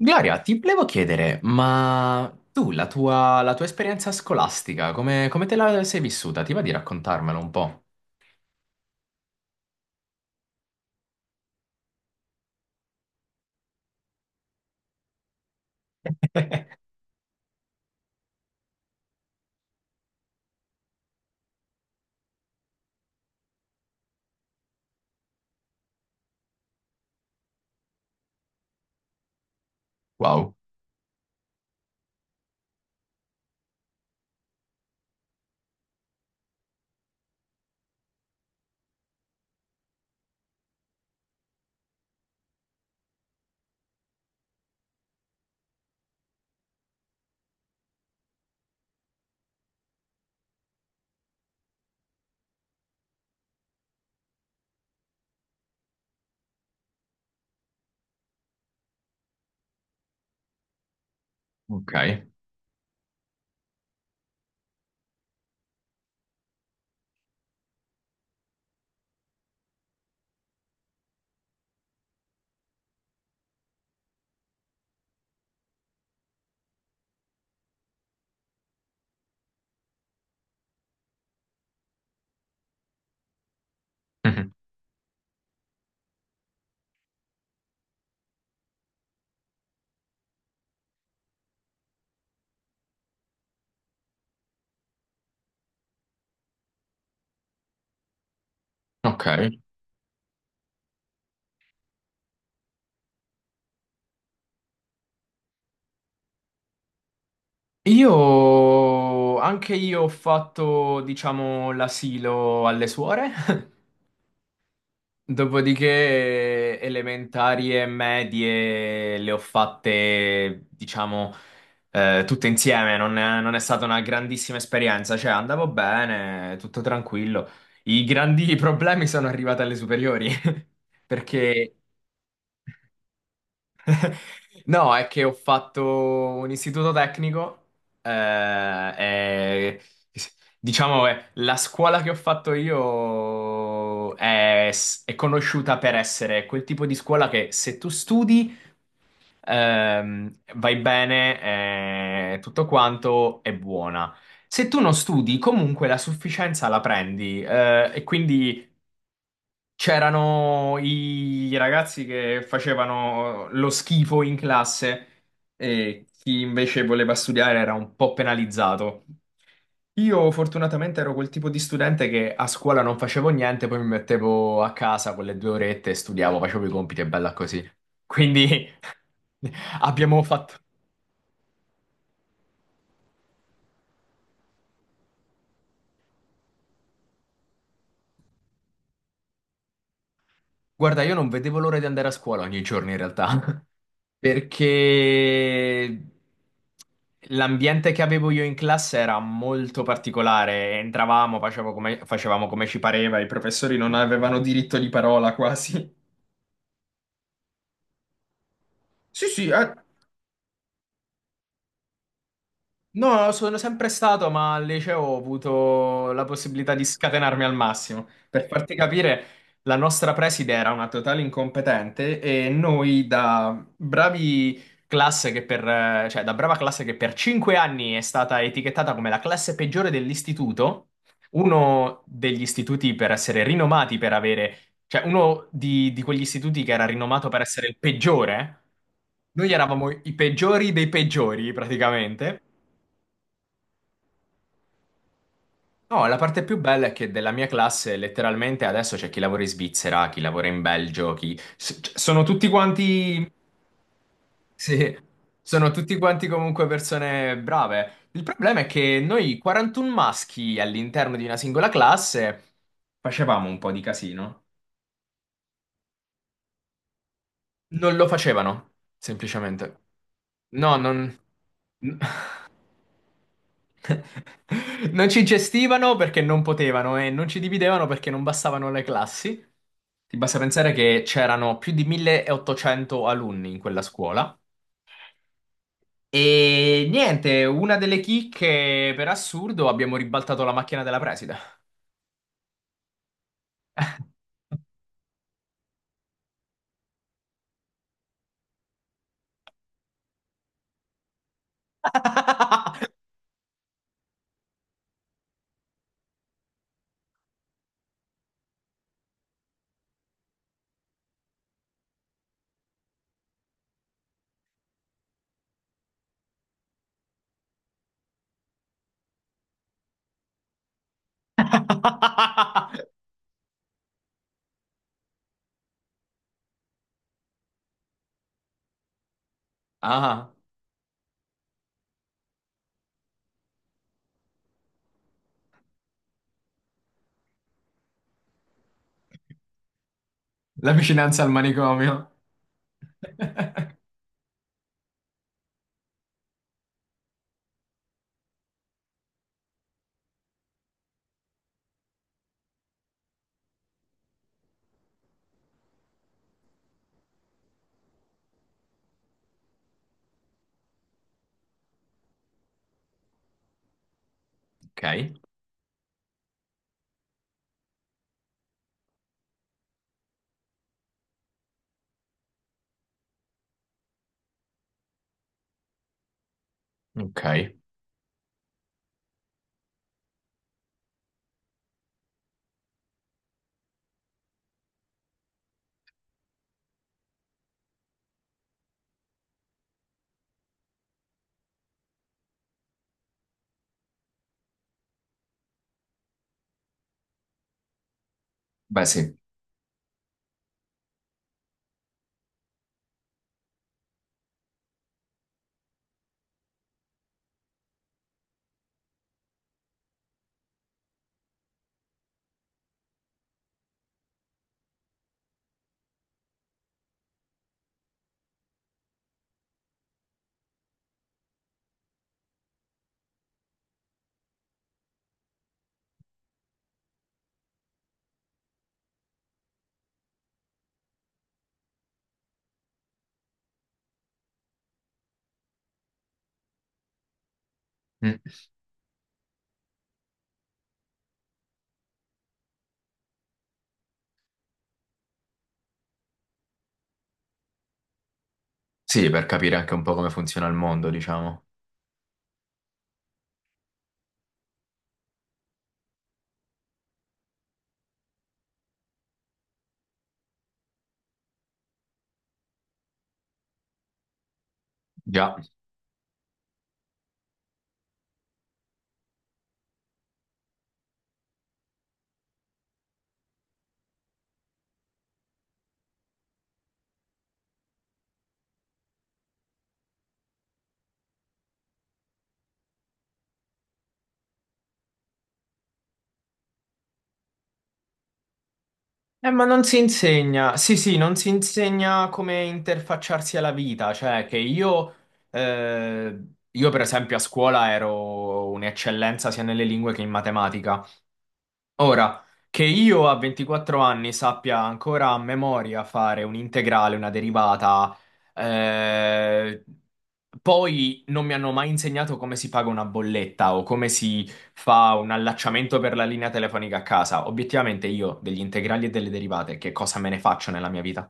Gloria, ti volevo chiedere, ma tu, la tua esperienza scolastica, come te la sei vissuta? Ti va di raccontarmelo un po'? Wow, ok. Mhm. Ok. Anche io ho fatto, diciamo, l'asilo alle suore. Dopodiché elementari e medie le ho fatte, diciamo, tutte insieme, non è stata una grandissima esperienza, cioè andavo bene, tutto tranquillo. I grandi problemi sono arrivati alle superiori. Mm. Perché? No, è che ho fatto un istituto tecnico, e, diciamo, la scuola che ho fatto io è conosciuta per essere quel tipo di scuola che se tu studi, ehm, vai bene, tutto quanto è buona. Se tu non studi, comunque la sufficienza la prendi, e quindi... C'erano i ragazzi che facevano lo schifo in classe e chi invece voleva studiare era un po' penalizzato. Io fortunatamente ero quel tipo di studente che a scuola non facevo niente, poi mi mettevo a casa quelle due orette e studiavo, facevo i compiti e bella così. Quindi abbiamo fatto. Guarda, io non vedevo l'ora di andare a scuola ogni giorno in realtà, perché l'ambiente che avevo io in classe era molto particolare. Entravamo, facevamo come ci pareva, i professori non avevano diritto di parola quasi. Sì, sì. No, sono sempre stato, ma al liceo ho avuto la possibilità di scatenarmi al massimo. Per farti capire, la nostra preside era una totale incompetente e noi da brava classe che per 5 anni è stata etichettata come la classe peggiore dell'istituto, uno degli istituti per essere rinomati per avere, cioè uno di quegli istituti che era rinomato per essere il peggiore. Noi eravamo i peggiori dei peggiori, praticamente. No, la parte più bella è che della mia classe letteralmente adesso c'è chi lavora in Svizzera, chi lavora in Belgio, chi... sono tutti quanti... Sì, sono tutti quanti comunque persone brave. Il problema è che noi 41 maschi all'interno di una singola classe facevamo un po' di casino. Non lo facevano, semplicemente. No, non... Non ci gestivano perché non potevano e non ci dividevano perché non bastavano le classi. Ti basta pensare che c'erano più di 1800 alunni in quella scuola. E niente, una delle chicche, per assurdo, abbiamo ribaltato la macchina della preside. Ah, la vicinanza al manicomio. Ok, ok. Beh, sì. Mm. Sì, per capire anche un po' come funziona il mondo, diciamo. Già. Ma non si insegna, sì, sì, non si insegna come interfacciarsi alla vita, cioè che eh, io per esempio a scuola ero un'eccellenza sia nelle lingue che in matematica, ora, che io a 24 anni sappia ancora a memoria fare un'integrale, una derivata. Eh, poi non mi hanno mai insegnato come si paga una bolletta o come si fa un allacciamento per la linea telefonica a casa. Obiettivamente, io degli integrali e delle derivate, che cosa me ne faccio nella mia vita?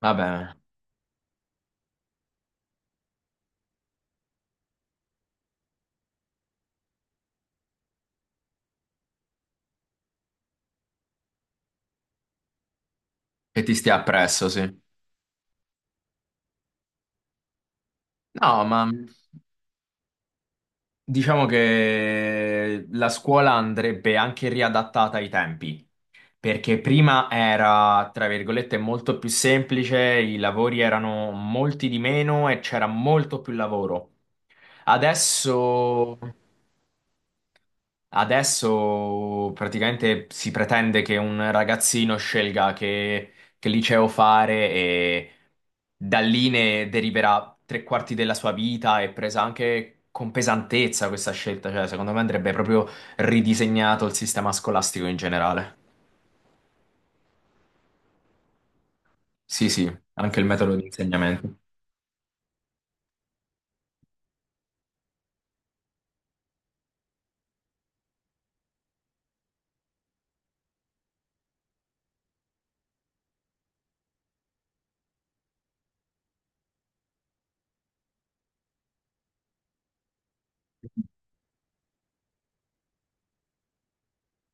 Vabbè, che ti stia appresso, sì. No, ma diciamo che la scuola andrebbe anche riadattata ai tempi. Perché prima era, tra virgolette, molto più semplice, i lavori erano molti di meno e c'era molto più lavoro. Adesso, adesso praticamente si pretende che un ragazzino scelga che liceo fare e da lì ne deriverà tre quarti della sua vita e presa anche con pesantezza questa scelta. Cioè, secondo me andrebbe proprio ridisegnato il sistema scolastico in generale. Sì, sì, anche il metodo di insegnamento.